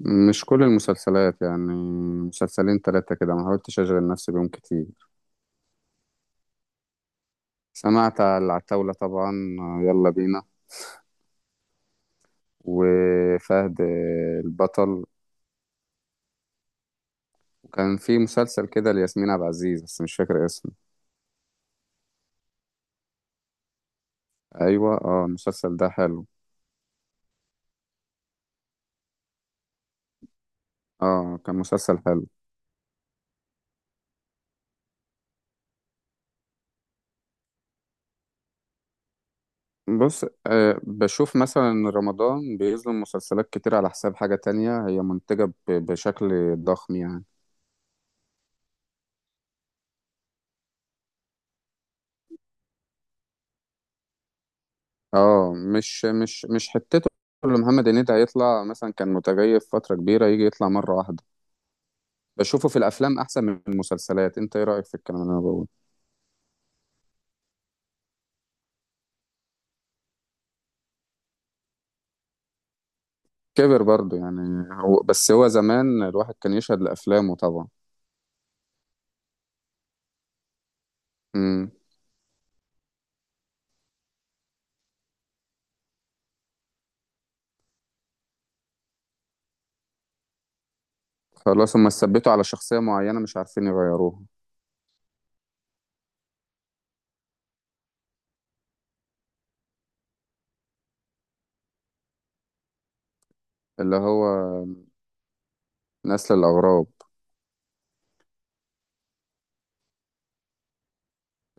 مش كل المسلسلات يعني. مسلسلين تلاتة كده، ما حاولتش أشغل نفسي بيهم كتير. سمعت على العتاولة طبعا، آه، يلا بينا. وفهد البطل. وكان في مسلسل كده لياسمين عبد العزيز بس مش فاكر اسمه. أيوة، المسلسل ده حلو. اه، كان مسلسل حلو. بص، بشوف مثلا إن رمضان بيظلم مسلسلات كتير على حساب حاجة تانية هي منتجة بشكل ضخم يعني. اه، مش حتته. اللي محمد هنيدي هيطلع مثلا كان متغيب فترة كبيرة، يجي يطلع مرة واحدة. بشوفه في الأفلام أحسن من المسلسلات. أنت إيه رأيك في الكلام اللي أنا بقوله؟ كبر برضه يعني. هو بس هو زمان الواحد كان يشهد لأفلامه طبعا. امم. خلاص، هما ثبتوا على شخصية معينة مش عارفين يغيروها. اللي هو نسل الأغراب.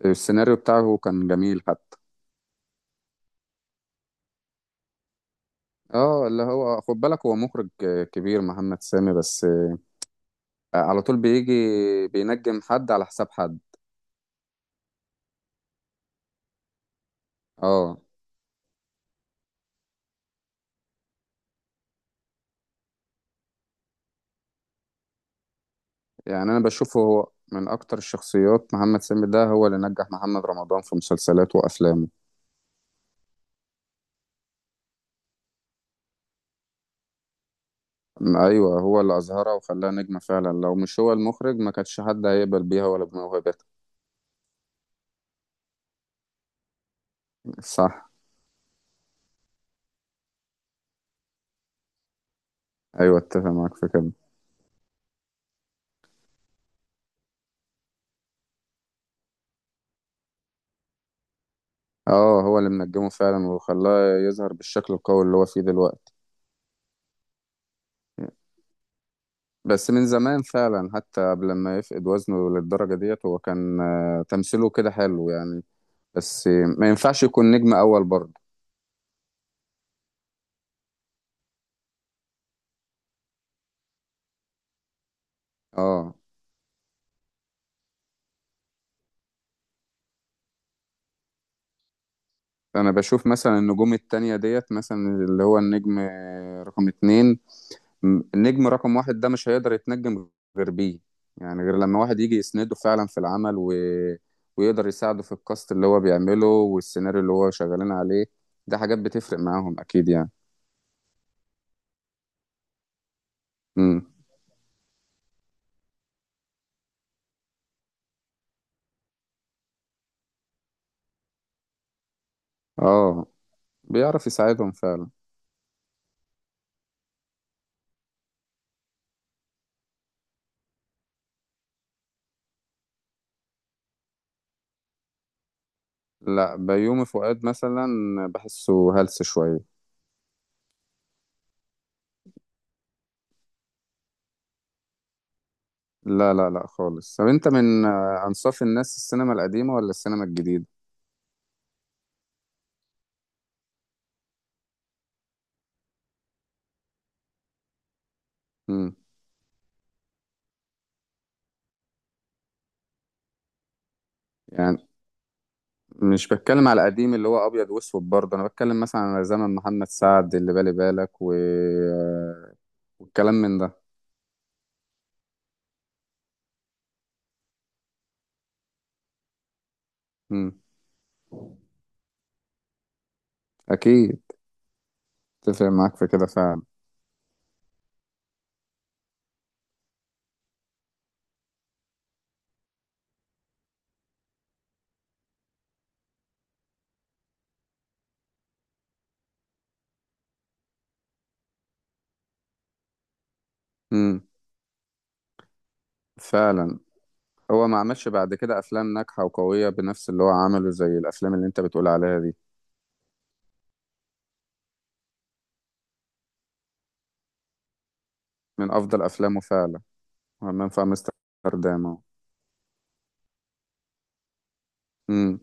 السيناريو بتاعه كان جميل حتى. اه، اللي هو خد بالك، هو مخرج كبير محمد سامي، بس على طول بيجي بينجم حد على حساب حد. اه يعني، انا بشوفه هو من اكتر الشخصيات. محمد سامي ده هو اللي نجح محمد رمضان في مسلسلاته وافلامه. ايوه، هو اللي اظهرها وخلاها نجمة فعلا. لو مش هو المخرج ما كانش حد هيقبل بيها ولا بموهبته. صح. ايوه، اتفق معاك في كده. اه، هو اللي منجمه فعلا وخلاه يظهر بالشكل القوي اللي هو فيه دلوقتي. بس من زمان فعلا، حتى قبل ما يفقد وزنه للدرجة ديت هو كان تمثيله كده حلو يعني. بس ما ينفعش يكون نجم اول برضه. اه، انا بشوف مثلا النجوم التانية ديت. مثلا اللي هو النجم رقم اتنين، النجم رقم واحد ده مش هيقدر يتنجم غير بيه. يعني غير لما واحد يجي يسنده فعلا في العمل، و... ويقدر يساعده في الكاست اللي هو بيعمله والسيناريو اللي هو شغالين عليه. ده حاجات بتفرق معاهم اكيد يعني. امم. اه، بيعرف يساعدهم فعلا. لا، بيومي فؤاد مثلا بحسه هلس شوية. لا لا لا خالص. طب، انت من انصاف الناس، السينما القديمة ولا السينما الجديدة؟ امم. يعني مش بتكلم على القديم اللي هو ابيض واسود برضه. انا بتكلم مثلا على زمن محمد سعد اللي بالي بالك، و... والكلام من ده. امم. اكيد. اتفق معاك في كده فعلا. امم. فعلا. هو ما عملش بعد كده افلام ناجحه وقويه بنفس اللي هو عمله زي الافلام اللي انت بتقول عليها دي. من افضل افلامه فعلا. همام في امستردام اهو. امم.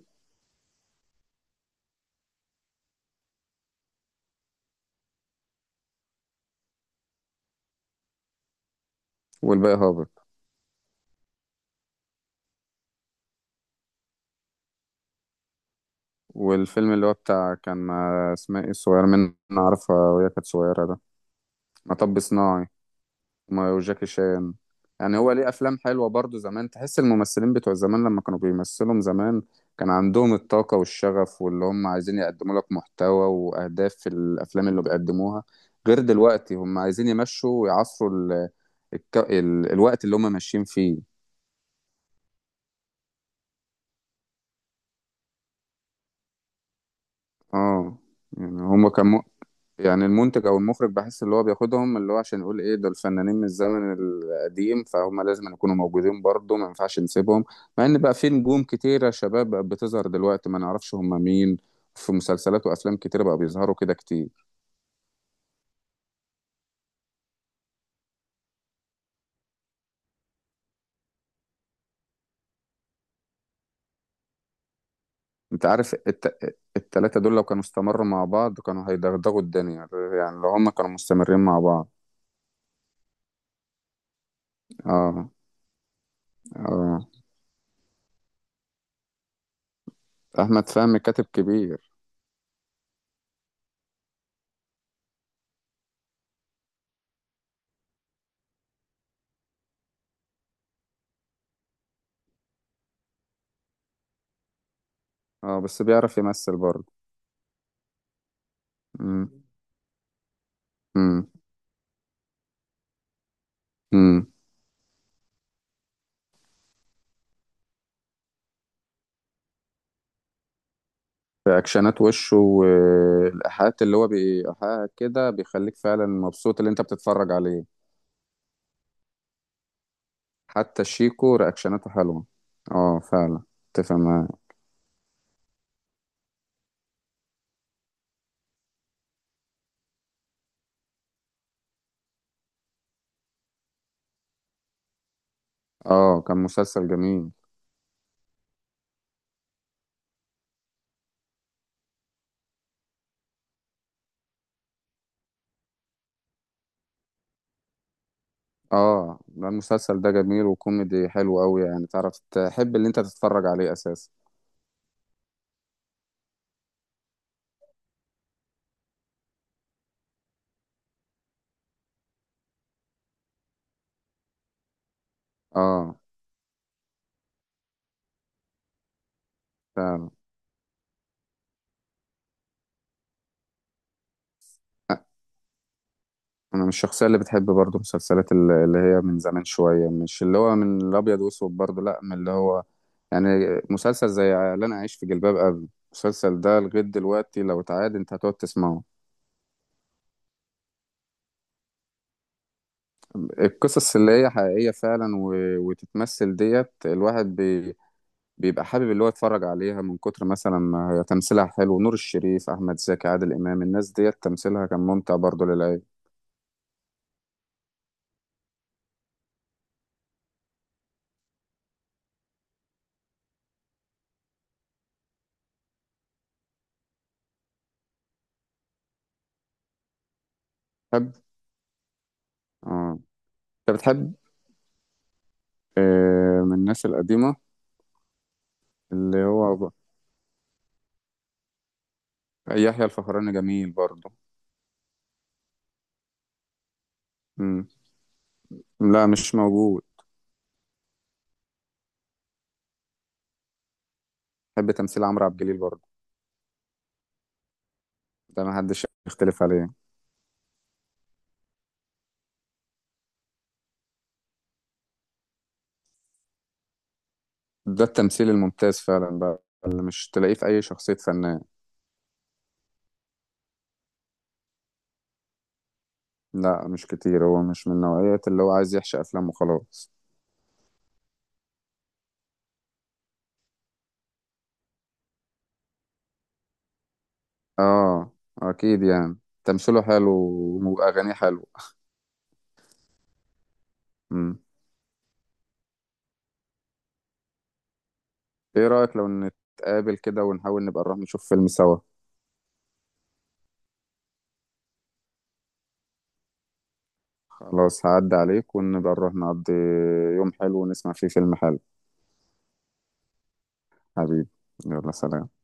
والباقي هابط. والفيلم اللي هو بتاع كان مع اسمها ايه الصغيره من نعرفها وهي كانت صغيره ده. مطب صناعي. ما وجاكي شان. يعني هو ليه افلام حلوه برضو زمان. تحس الممثلين بتوع زمان لما كانوا بيمثلوا زمان كان عندهم الطاقه والشغف، واللي هم عايزين يقدموا لك محتوى واهداف في الافلام اللي بيقدموها. غير دلوقتي، هم عايزين يمشوا ويعصروا الوقت اللي هم ماشيين فيه. اه. يعني هم كان، يعني المنتج او المخرج بحس اللي هو بياخدهم اللي هو عشان يقول ايه دول فنانين من الزمن القديم، فهم لازم يكونوا موجودين برضه، ما ينفعش نسيبهم. مع ان بقى في نجوم كتيرة شباب بقت بتظهر دلوقتي ما نعرفش هم مين. في مسلسلات وافلام كتيرة بقى بيظهروا كده كتير. انت عارف، التلاتة دول لو كانوا استمروا مع بعض كانوا هيدغدغوا الدنيا. يعني لو هم كانوا مستمرين مع بعض. اه. اه، احمد فهمي كاتب كبير. اه، بس بيعرف يمثل برضه. امم. امم. في اكشنات وشه والايحاءات اللي هو بيحقق كده بيخليك فعلا مبسوط اللي انت بتتفرج عليه. حتى شيكو رياكشناته حلوه. اه، فعلا. اتفق معاك. اه، كان مسلسل جميل. اه، ده المسلسل ده جميل وكوميدي حلو قوي. يعني تعرف تحب اللي انت تتفرج عليه اساسا. اه، فعلا. انا مش الشخصيه اللي بتحب برضو مسلسلات اللي هي من زمان شويه. مش اللي هو من الابيض واسود برضو، لا، من اللي هو يعني مسلسل زي اللي انا عايش في جلباب ابي. المسلسل ده لغايه دلوقتي لو اتعاد انت هتقعد تسمعه. القصص اللي هي حقيقيه فعلا، و... وتتمثل ديت الواحد بيبقى حابب اللي هو يتفرج عليها من كتر مثلا ما هي تمثيلها حلو. نور الشريف، احمد زكي، عادل امام، الناس ديت تمثيلها كان ممتع برضو للعين. بتحب. اه. انت بتحب من الناس القديمه، اللي هو يحيى الفخراني جميل برضه. مم. لا مش موجود. بحب تمثيل عمرو عبد الجليل برضه. ده ما حدش يختلف عليه. ده التمثيل الممتاز فعلا بقى اللي مش تلاقيه في اي شخصية فنان. لا مش كتير، هو مش من نوعية اللي هو عايز يحشي افلام وخلاص. اه، اكيد يعني. تمثيله حلو واغانيه حلوه. مم. ايه رأيك لو نتقابل كده ونحاول نبقى نروح نشوف فيلم سوا؟ خلاص هعدي عليك ونبقى نروح نقضي يوم حلو ونسمع فيه فيلم حلو. حبيبي، يلا سلام.